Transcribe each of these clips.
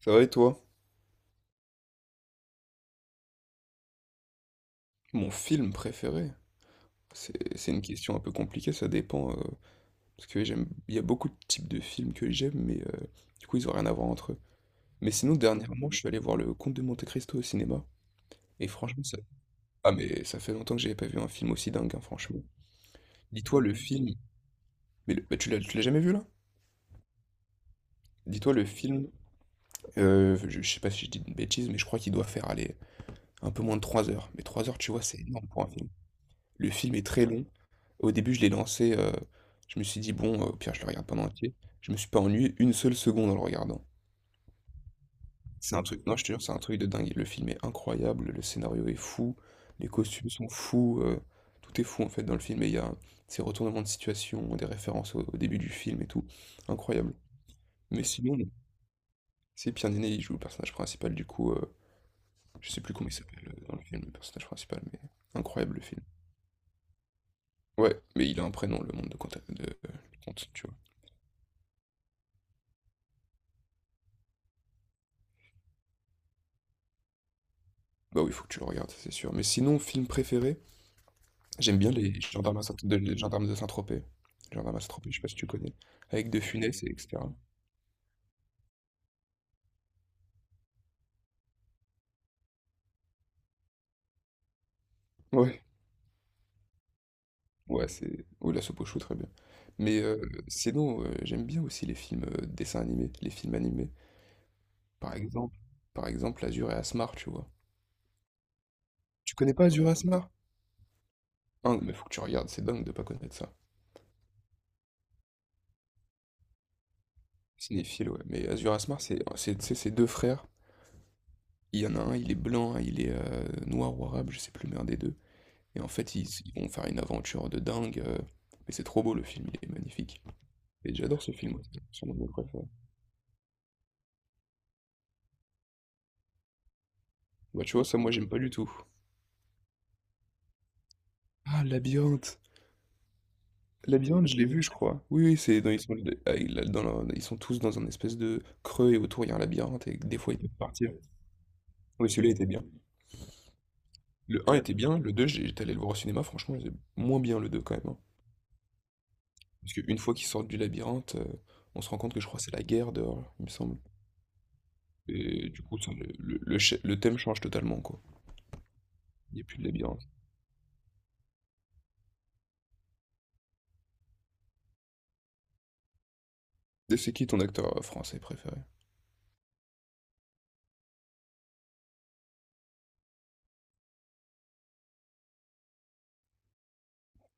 Ça va et toi? Mon film préféré? C'est une question un peu compliquée, ça dépend, parce que j'aime, il y a beaucoup de types de films que j'aime, mais du coup, ils ont rien à voir entre eux. Mais sinon, dernièrement, je suis allé voir Le Comte de Monte-Cristo au cinéma. Et franchement. Ah, mais ça fait longtemps que j'avais pas vu un film aussi dingue, hein, franchement. Dis-toi le film... Mais le- bah, tu l'as jamais vu, là? Dis-toi le film... je sais pas si je dis une bêtise, mais je crois qu'il doit faire, aller un peu moins de 3 heures. Mais 3 heures, tu vois, c'est énorme pour un film. Le film est très long. Au début, je l'ai lancé, je me suis dit: «Bon, au pire, je le regarde pas en entier». Je me suis pas ennuyé une seule seconde en le regardant. C'est un truc non, je te jure, c'est un truc de dingue. Le film est incroyable, le scénario est fou, les costumes sont fous, tout est fou, en fait, dans le film et il y a ces retournements de situation, des références au début du film et tout. Incroyable. Mais sinon, non. C'est Pierre Niney, il joue le personnage principal, du coup, je sais plus comment il s'appelle, dans le film, le personnage principal, mais incroyable, le film. Ouais, mais il a un prénom, le monde de Quentin de, Conte, tu vois? Bah oui, faut que tu le regardes, ça, c'est sûr. Mais sinon, film préféré, j'aime bien les gendarmes de Saint-Tropez. Les Gendarmes à Saint-Tropez, je sais pas si tu connais. Avec De Funès et etc. Ouais. Ouais, c'est. Oui, la soupe au chou, très bien. Mais sinon, j'aime bien aussi les films dessins animés, les films animés. Par exemple, par exemple, Azur et Asmar, tu vois. Tu connais pas Azur et Asmar? Hein, mais faut que tu regardes, c'est dingue de pas connaître ça. Cinéphile, ouais. Mais Azur et Asmar, c'est tu sais, c'est deux frères. Il y en a un, il est blanc, un, il est noir ou arabe, je sais plus, mais un des deux. Et en fait, ils vont faire une aventure de dingue. Mais c'est trop beau le film, il est magnifique. Et j'adore ce film, c'est sûrement mon préféré. Bah, tu vois, ça, moi, j'aime pas du tout. Ah, Labyrinthe! Labyrinthe, je l'ai vu, je crois. Oui, oui, c'est dans, ils sont, ah, il a- dans leur- ils sont tous dans un espèce de creux et autour il y a un labyrinthe et des fois ils peuvent partir. Oui, celui-là était bien. Le un était bien, le 2 j'étais allé le voir au cinéma, franchement, c'est moins bien le 2 quand même, hein. Parce qu'une fois qu'ils sortent du labyrinthe, on se rend compte que je crois que c'est la guerre dehors, il me semble. Et du coup, ça, le thème change totalement, quoi. Il n'y a plus de labyrinthe. Et c'est qui ton acteur français préféré?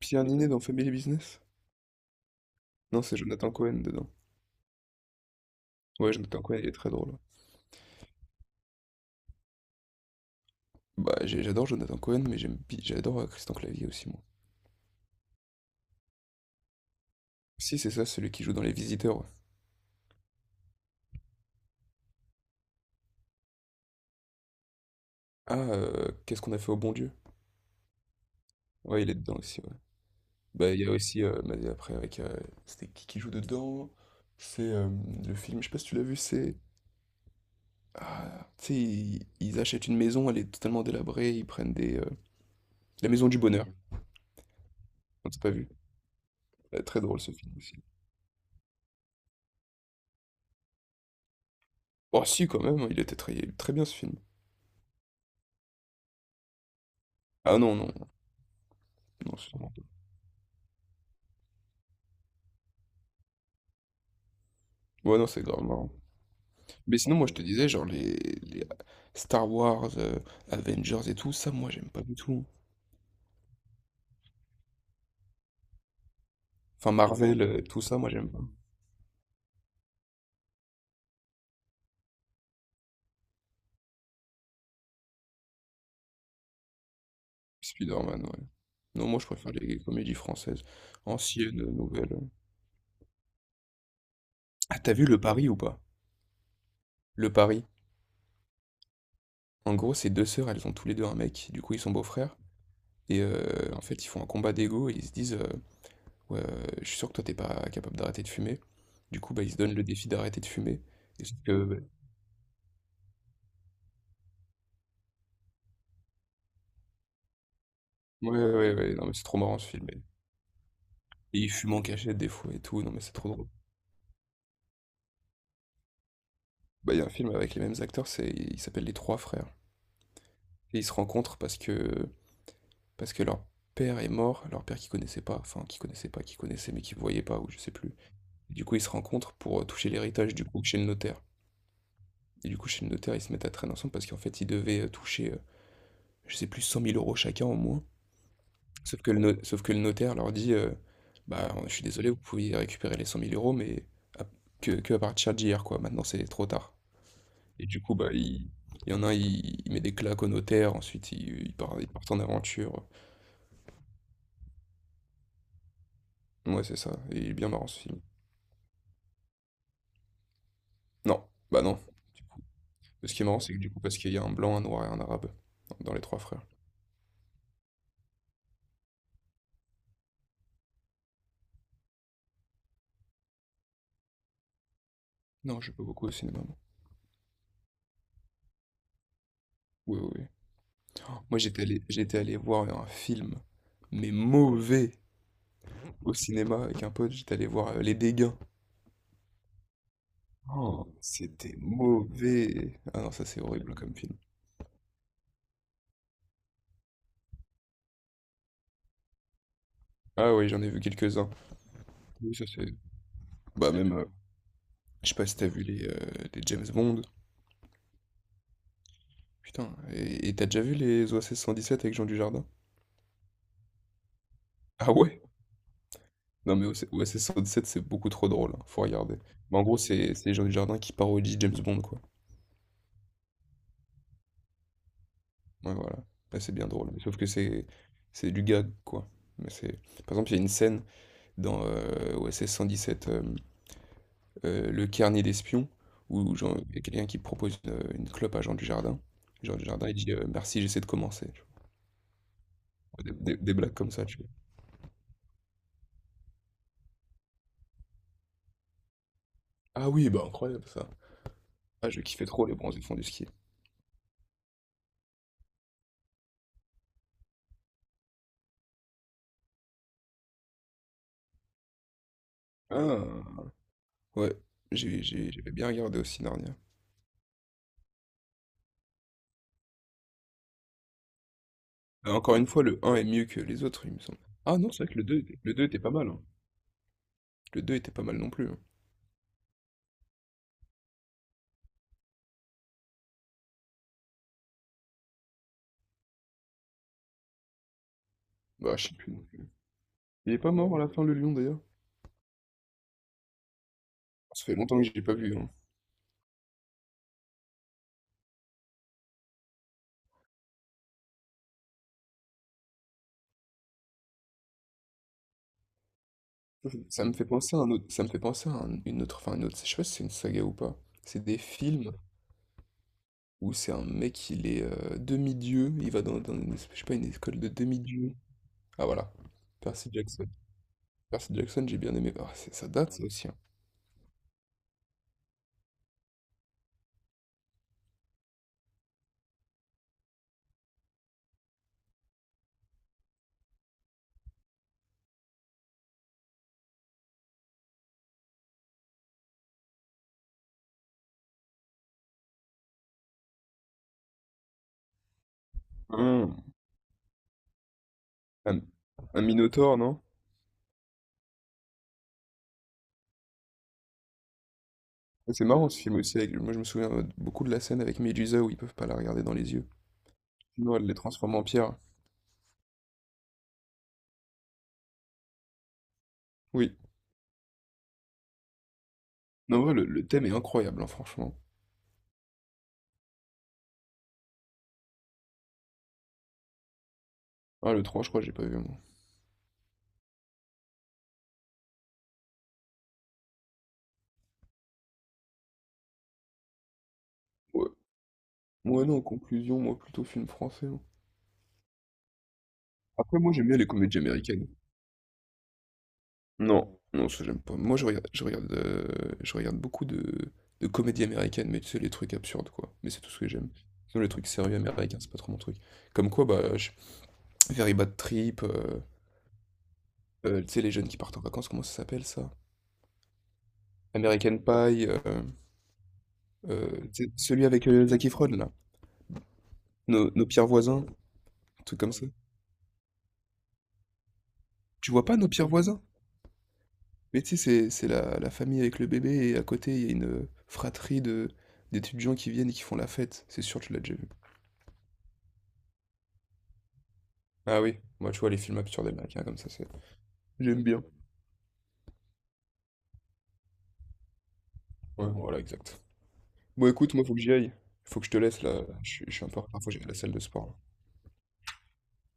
Pierre Ninet dans Family Business? Non, c'est Jonathan Cohen dedans. Ouais, Jonathan Cohen, il est très drôle. Bah, j'ai- j'adore Jonathan Cohen, mais j'aime, j'adore Christian Clavier aussi, moi. Si, c'est ça, celui qui joue dans Les Visiteurs, ouais. Ah, qu'est-ce qu'on a fait au bon Dieu? Ouais, il est dedans aussi, ouais. Bah, il y a aussi, mais après, avec. C'était qui joue dedans? C'est le film, je sais pas si tu l'as vu, c'est. Ah, tu sais, ils achètent une maison, elle est totalement délabrée, ils prennent des. La maison du bonheur. On t'a pas vu. Très drôle ce film aussi. Oh si quand même, il était très, très bien ce film. Ah non, non, non. Ouais, non, c'est grave marrant. Mais sinon, moi, je te disais, genre, les Star Wars, Avengers et tout, ça, moi, j'aime pas du tout. Enfin, Marvel, tout ça, moi, j'aime pas. Spider-Man, ouais. Non, moi, je préfère les comédies françaises, anciennes, nouvelles. Ah, t'as vu Le Pari ou pas? Le Pari. En gros, ces deux sœurs, elles ont tous les deux un mec, du coup, ils sont beaux-frères. Et en fait, ils font un combat d'ego et ils se disent, Ouais, je suis sûr que toi, t'es pas capable d'arrêter de fumer. Du coup, bah, il se donne le défi d'arrêter de fumer. Et sauf que, ouais, ouais, ouais, ouais, non, mais c'est trop marrant ce film. Et il fume en cachette des fois et tout, non, mais c'est trop drôle. Bah, il y a un film avec les mêmes acteurs, c'est, il s'appelle Les Trois Frères. Et ils se rencontrent parce que leur père est mort, leur père qu'ils connaissaient pas, enfin, qu'ils connaissaient pas, qu'ils connaissaient, mais qu'ils voyaient pas, ou je sais plus. Et du coup, ils se rencontrent pour toucher l'héritage, du coup, chez le notaire. Et du coup, chez le notaire, ils se mettent à traîner ensemble parce qu'en fait, ils devaient toucher, je sais plus, 100 000 euros chacun au moins. Sauf que le no sauf que le notaire leur dit: «Bah, je suis désolé, vous pouvez récupérer les 100 000 euros mais à que à partir d'hier, quoi. Maintenant, c'est trop tard». Et du coup, bah, il y en a un, il met des claques au notaire, ensuite il part en aventure. Ouais, c'est ça, et il est bien marrant ce film. Non, bah, non. Ce qui est marrant, c'est que du coup parce qu'il y a un blanc, un noir et un arabe dans Les Trois Frères. Non, je vais pas beaucoup au cinéma, moi. Oui, oui, oui. Moi, j'étais allé voir un film, mais mauvais, au cinéma avec un pote, j'étais allé voir, Les Dégâts. Oh, c'était mauvais. Ah non, ça c'est horrible comme film. Ah oui, j'en ai vu quelques-uns. Oui, ça c'est. Bah même, je sais pas si t'as vu les James Bond. Putain, et t'as déjà vu les OSS 117 avec Jean Dujardin? Ah ouais? Non mais OSS 117 c'est beaucoup trop drôle, hein, faut regarder. Mais en gros c'est Jean Dujardin qui parodie James Bond, quoi. Ouais voilà, là, c'est bien drôle. Mais sauf que c'est du gag, quoi. Mais c'est par exemple il y a une scène dans OSS 117. Le Carnet d'Espions, où genre il y a quelqu'un qui propose, une clope à Jean Dujardin. Jean Dujardin, il dit: «Merci, j'essaie de commencer», tu vois? Des blagues comme ça, tu vois? Ah oui, bah, incroyable ça. Ah, je kiffais trop les Bronzés fond du ski. Ah! Ouais, j'avais bien regardé aussi Narnia. Bah, encore une fois, le un est mieux que les autres, il me semble. Ah non, c'est vrai que le 2 était pas mal, hein. Le 2 était pas mal non plus, hein. Bah, je sais plus non plus. Il est pas mort à la fin, le lion, d'ailleurs? Ça fait longtemps que je l'ai pas vu, hein. Ça me fait penser à un autre, ça me fait penser à un- une autre, enfin une autre, je sais pas si c'est une saga ou pas. C'est des films où c'est un mec, il est demi-dieu, il va dans une, je sais pas, une école de demi-dieu. Ah voilà, Percy Jackson. Percy Jackson, j'ai bien aimé. Ah, ça date ça aussi, hein. Hmm. Un, un Minotaure, non? Ah, c'est marrant ce film aussi, moi je me souviens beaucoup de la scène avec Medusa où ils peuvent pas la regarder dans les yeux. Sinon elle les transforme en pierre. Oui. Non, ouais, le thème est incroyable, hein, franchement. Ah, le trois je crois, j'ai pas vu, moi. Ouais. Ouais, non, en conclusion, moi, plutôt film français, hein. Après, moi, j'aime bien les comédies américaines. Non, non, ça, j'aime pas. Moi, je regarde, je regarde, je regarde beaucoup de comédies américaines, mais tu sais, les trucs absurdes, quoi. Mais c'est tout ce que j'aime. Sinon, les trucs sérieux américains, c'est pas trop mon truc. Comme quoi, bah. Very Bad Trip, tu sais, les jeunes qui partent en vacances, comment ça s'appelle, ça? American Pie, euh, tu sais, celui avec Zac Efron, là. Nos pires voisins, un truc comme ça. Tu vois pas Nos pires voisins? Mais tu sais, c'est la famille avec le bébé et à côté, il y a une, fratrie de d'étudiants qui viennent et qui font la fête. C'est sûr, tu l'as déjà vu. Ah oui, moi, tu vois les films absurdes américains comme ça, c'est j'aime bien. Ouais, voilà, exact. Bon, écoute, moi, faut que j'y aille. Faut que je te laisse là, je suis un peu en retard, faut que j'aille à la salle de sport là.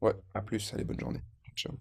Ouais, à plus, allez, bonne journée. Ciao.